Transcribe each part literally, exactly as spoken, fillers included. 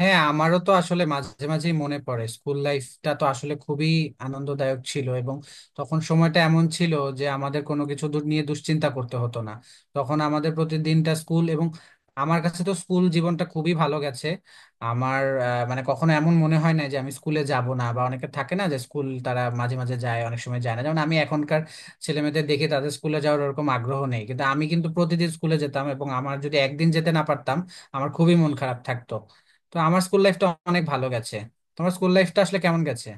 হ্যাঁ, আমারও তো আসলে মাঝে মাঝেই মনে পড়ে। স্কুল লাইফটা তো আসলে খুবই আনন্দদায়ক ছিল, এবং তখন সময়টা এমন ছিল যে আমাদের কোনো কিছু দূর নিয়ে দুশ্চিন্তা করতে হতো না। তখন আমাদের প্রতিদিনটা স্কুল, এবং আমার কাছে তো স্কুল জীবনটা খুবই ভালো গেছে। আমার আহ, মানে কখনো এমন মনে হয় না যে আমি স্কুলে যাব না, বা অনেকে থাকে না যে স্কুল তারা মাঝে মাঝে যায়, অনেক সময় যায় না। যেমন আমি এখনকার ছেলেমেয়েদের দেখি তাদের স্কুলে যাওয়ার ওরকম আগ্রহ নেই, কিন্তু আমি কিন্তু প্রতিদিন স্কুলে যেতাম, এবং আমার যদি একদিন যেতে না পারতাম আমার খুবই মন খারাপ থাকতো। তো আমার স্কুল লাইফটা অনেক ভালো গেছে। তোমার স্কুল লাইফটা আসলে কেমন গেছে?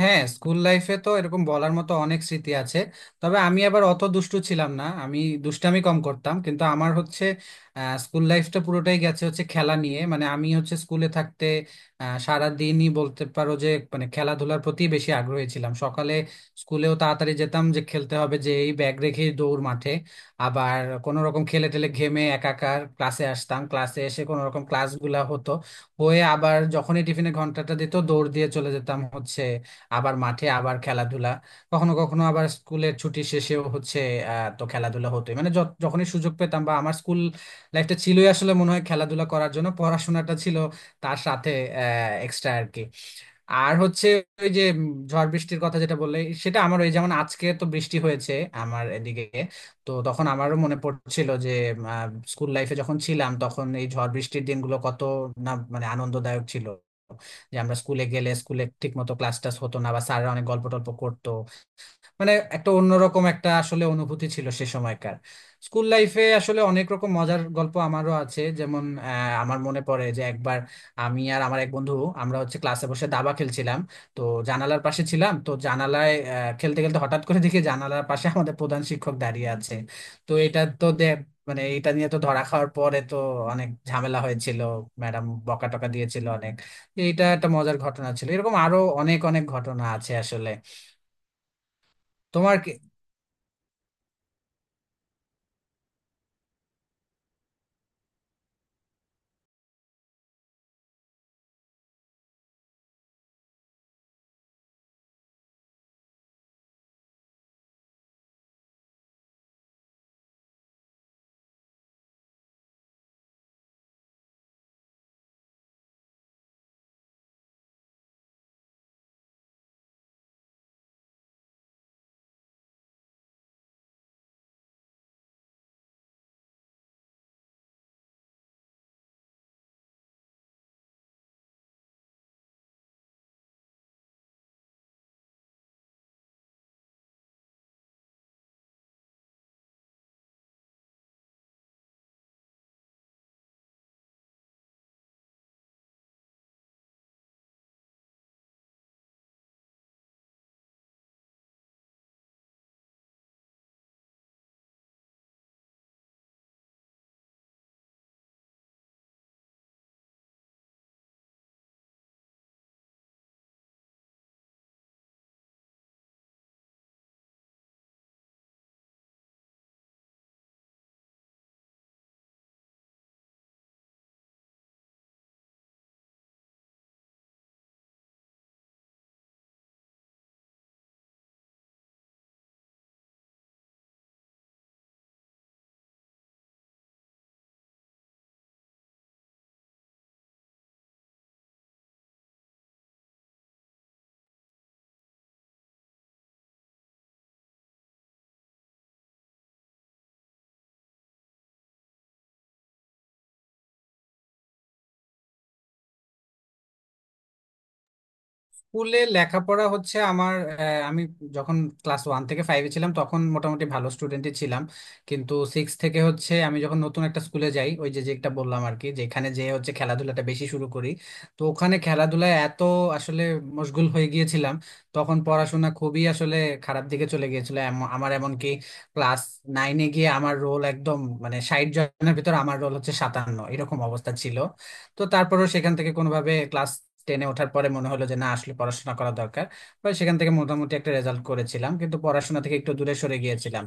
হ্যাঁ, স্কুল লাইফে তো এরকম বলার মতো অনেক স্মৃতি আছে। তবে আমি আবার অত দুষ্টু ছিলাম না, আমি দুষ্টামি কম করতাম। কিন্তু আমার হচ্ছে আহ, স্কুল লাইফটা পুরোটাই গেছে হচ্ছে খেলা নিয়ে। মানে আমি হচ্ছে স্কুলে থাকতে আহ, সারা দিনই বলতে পারো যে মানে খেলাধুলার প্রতি বেশি আগ্রহী ছিলাম। সকালে স্কুলেও তাড়াতাড়ি যেতাম যে খেলতে হবে, যে এই ব্যাগ রেখে দৌড় মাঠে। আবার কোনো রকম খেলে টেলে ঘেমে একাকার ক্লাসে আসতাম, ক্লাসে এসে কোনো রকম ক্লাসগুলা হতো। হয়ে আবার যখনই টিফিনে ঘন্টাটা দিত, দৌড় দিয়ে চলে যেতাম হচ্ছে আবার মাঠে, আবার খেলাধুলা। কখনো কখনো আবার স্কুলের ছুটি শেষেও হচ্ছে আহ, তো খেলাধুলা হতোই। মানে য- যখনই সুযোগ পেতাম, বা আমার স্কুল লাইফটা ছিলই আসলে মনে হয় খেলাধুলা করার জন্য, পড়াশোনাটা ছিল তার সাথে এক্সট্রা আর কি। আর হচ্ছে ওই যে উম, ঝড় বৃষ্টির কথা যেটা বললে, সেটা আমার ওই যেমন আজকে তো বৃষ্টি হয়েছে আমার এদিকে, তো তখন আমারও মনে পড়ছিল যে স্কুল লাইফে যখন ছিলাম তখন এই ঝড় বৃষ্টির দিনগুলো কত না মানে আনন্দদায়ক ছিল। যে আমরা স্কুলে গেলে স্কুলে ঠিক মতো ক্লাস টাস হতো না, বা স্যাররা অনেক গল্প টল্প করতো। মানে একটা অন্যরকম একটা আসলে অনুভূতি ছিল সে সময়কার। স্কুল লাইফে আসলে অনেক রকম মজার গল্প আমারও আছে, যেমন আহ, আমার মনে পড়ে যে একবার আমি আর আমার এক বন্ধু, আমরা হচ্ছে ক্লাসে বসে দাবা খেলছিলাম। তো জানালার পাশে ছিলাম, তো জানালায় আহ, খেলতে খেলতে হঠাৎ করে দেখি জানালার পাশে আমাদের প্রধান শিক্ষক দাঁড়িয়ে আছে। তো এটা তো দে- মানে এটা নিয়ে তো ধরা খাওয়ার পরে তো অনেক ঝামেলা হয়েছিল, ম্যাডাম বকা টকা দিয়েছিল অনেক। এইটা একটা মজার ঘটনা ছিল, এরকম আরো অনেক অনেক ঘটনা আছে আসলে। তোমার কি- স্কুলে লেখাপড়া হচ্ছে আমার, আহ, আমি যখন ক্লাস ওয়ান থেকে ফাইভে ছিলাম তখন মোটামুটি ভালো স্টুডেন্টই ছিলাম। কিন্তু সিক্স থেকে হচ্ছে আমি যখন নতুন একটা স্কুলে যাই, ওই যে যেটা বললাম আর কি, যেখানে যে হচ্ছে খেলাধুলাটা বেশি শুরু করি। তো ওখানে খেলাধুলায় এত আসলে মশগুল হয়ে গিয়েছিলাম, তখন পড়াশোনা খুবই আসলে খারাপ দিকে চলে গিয়েছিল। এম- আমার এমনকি ক্লাস নাইনে গিয়ে আমার রোল একদম মানে ষাট জনের ভিতর আমার রোল হচ্ছে সাতান্ন, এরকম অবস্থা ছিল। তো তারপরেও সেখান থেকে কোনোভাবে ক্লাস টেনে ওঠার পরে মনে হলো যে না আসলে পড়াশোনা করা দরকার। তো সেখান থেকে মোটামুটি একটা রেজাল্ট করেছিলাম, কিন্তু পড়াশোনা থেকে একটু দূরে সরে গিয়েছিলাম।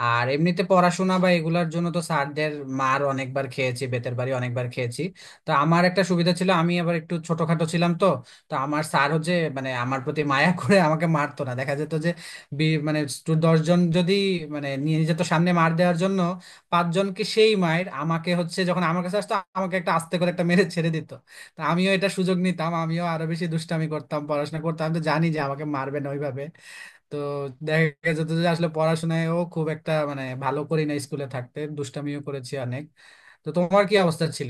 আর এমনিতে পড়াশোনা বা এগুলার জন্য তো স্যারদের মার অনেকবার খেয়েছি, বেতের বাড়ি অনেকবার খেয়েছি। তো আমার একটা সুবিধা ছিল, আমি আবার একটু ছোটখাটো ছিলাম, তো তো আমার স্যার হচ্ছে মানে আমার প্রতি মায়া করে আমাকে মারতো না। দেখা যেত যে বি- মানে স্টু- দশজন যদি মানে নিয়ে যেত সামনে মার দেওয়ার জন্য, পাঁচজনকে সেই মায়ের, আমাকে হচ্ছে যখন আমার কাছে আসতো আমাকে একটা আস্তে করে একটা মেরে ছেড়ে দিত। তা আমিও এটা সুযোগ নিতাম, আমিও আরো বেশি দুষ্টামি করতাম, পড়াশোনা করতাম, আমি তো জানি যে আমাকে মারবে না ওইভাবে। তো দেখা যেত যে আসলে পড়াশোনায়ও খুব একটা মানে ভালো করি না, স্কুলে থাকতে দুষ্টামিও করেছি অনেক। তো তোমার কি অবস্থা ছিল?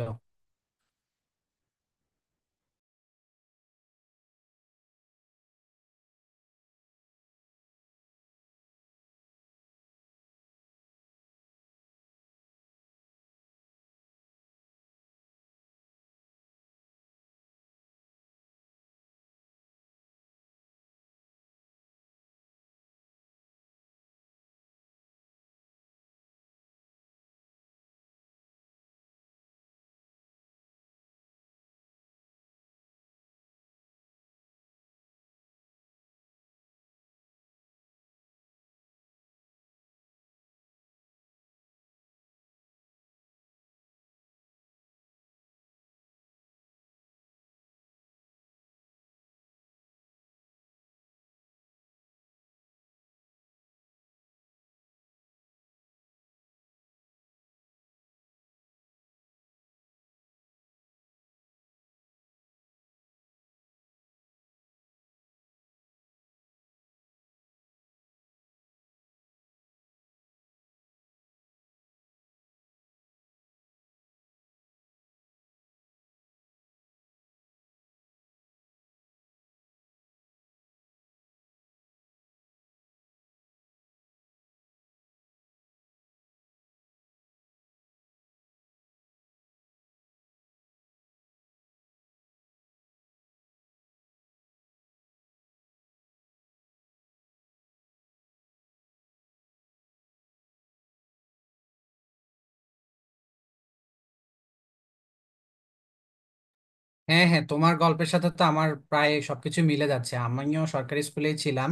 হ্যাঁ, হ্যাঁ, তোমার গল্পের সাথে তো আমার প্রায় সবকিছু মিলে যাচ্ছে। আমিও সরকারি স্কুলেই ছিলাম,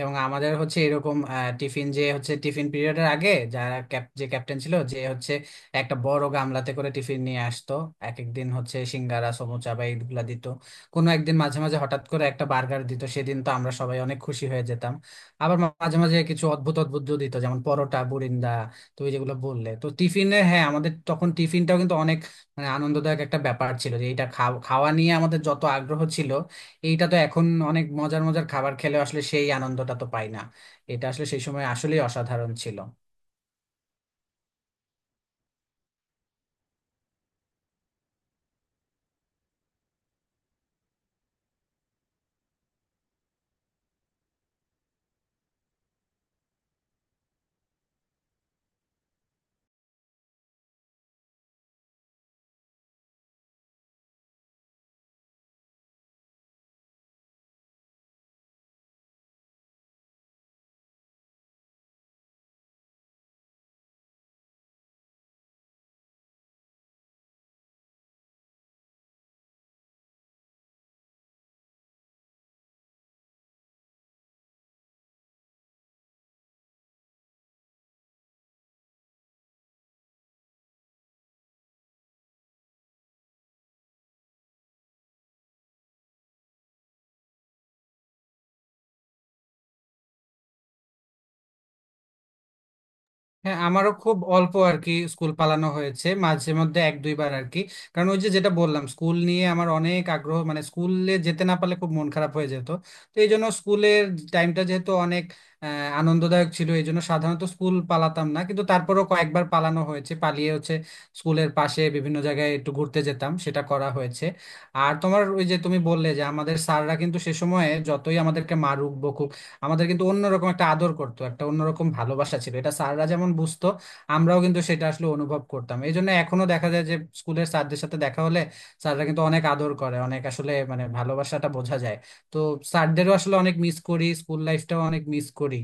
এবং আমাদের হচ্ছে এরকম আহ, টিফিন যে হচ্ছে টিফিন পিরিয়ডের আগে যারা ক্যাপ যে ক্যাপ্টেন ছিল, যে হচ্ছে একটা বড় গামলাতে করে টিফিন নিয়ে আসতো। এক একদিন হচ্ছে সিঙ্গারা সমুচা বা এইগুলা দিত। কোনো একদিন মাঝে মাঝে হঠাৎ করে একটা বার্গার দিত, সেদিন তো আমরা সবাই অনেক খুশি হয়ে যেতাম। আবার মা- মাঝে মাঝে কিছু অদ্ভুত অদ্ভুত দিত যেমন পরোটা বুরিন্দা। তুমি যেগুলো বললে তো টিফিনে, হ্যাঁ, আমাদের তখন টিফিনটাও কিন্তু মানে আনন্দদায়ক একটা ব্যাপার ছিল। যে এটা খাও- খাওয়া নিয়ে আমাদের যত আগ্রহ ছিল এইটা তো এখন অনেক মজার মজার খাবার খেলে আসলে সেই আনন্দটা তো পাই না। এটা আসলে সেই সময় আসলেই অসাধারণ ছিল। হ্যাঁ, আমারও খুব অল্প আর কি স্কুল পালানো হয়েছে, মাঝে মধ্যে এক দুইবার আর কি। কারণ ওই যে যেটা বললাম, স্কুল নিয়ে আমার অনেক আগ্রহ, মানে স্কুলে যেতে না পারলে খুব মন খারাপ হয়ে যেত। তো এই জন্য স্কুলের টাইমটা যেহেতু অনেক আহ, আনন্দদায়ক ছিল, এই জন্য সাধারণত স্কুল পালাতাম না। কিন্তু তারপরেও কয়েকবার পালানো হয়েছে, পালিয়ে হচ্ছে স্কুলের পাশে বিভিন্ন জায়গায় একটু ঘুরতে যেতাম, সেটা করা হয়েছে। আর তোমার ওই যে তুমি বললে যে আমাদের স্যাররা কিন্তু সে সময়ে যতই আমাদেরকে মারুক বকুক, আমাদের কিন্তু অন্যরকম একটা আদর করতো, একটা অন্যরকম ভালোবাসা ছিল। এটা স্যাররা যেমন বুঝতো, আমরাও কিন্তু সেটা আসলে অনুভব করতাম। এই জন্য এখনো দেখা যায় যে স্কুলের স্যারদের সাথে দেখা হলে স্যাররা কিন্তু অনেক আদর করে, অনেক আসলে মানে ভালোবাসাটা বোঝা যায়। তো স্যারদেরও আসলে অনেক মিস করি, স্কুল লাইফটাও অনেক মিস করি।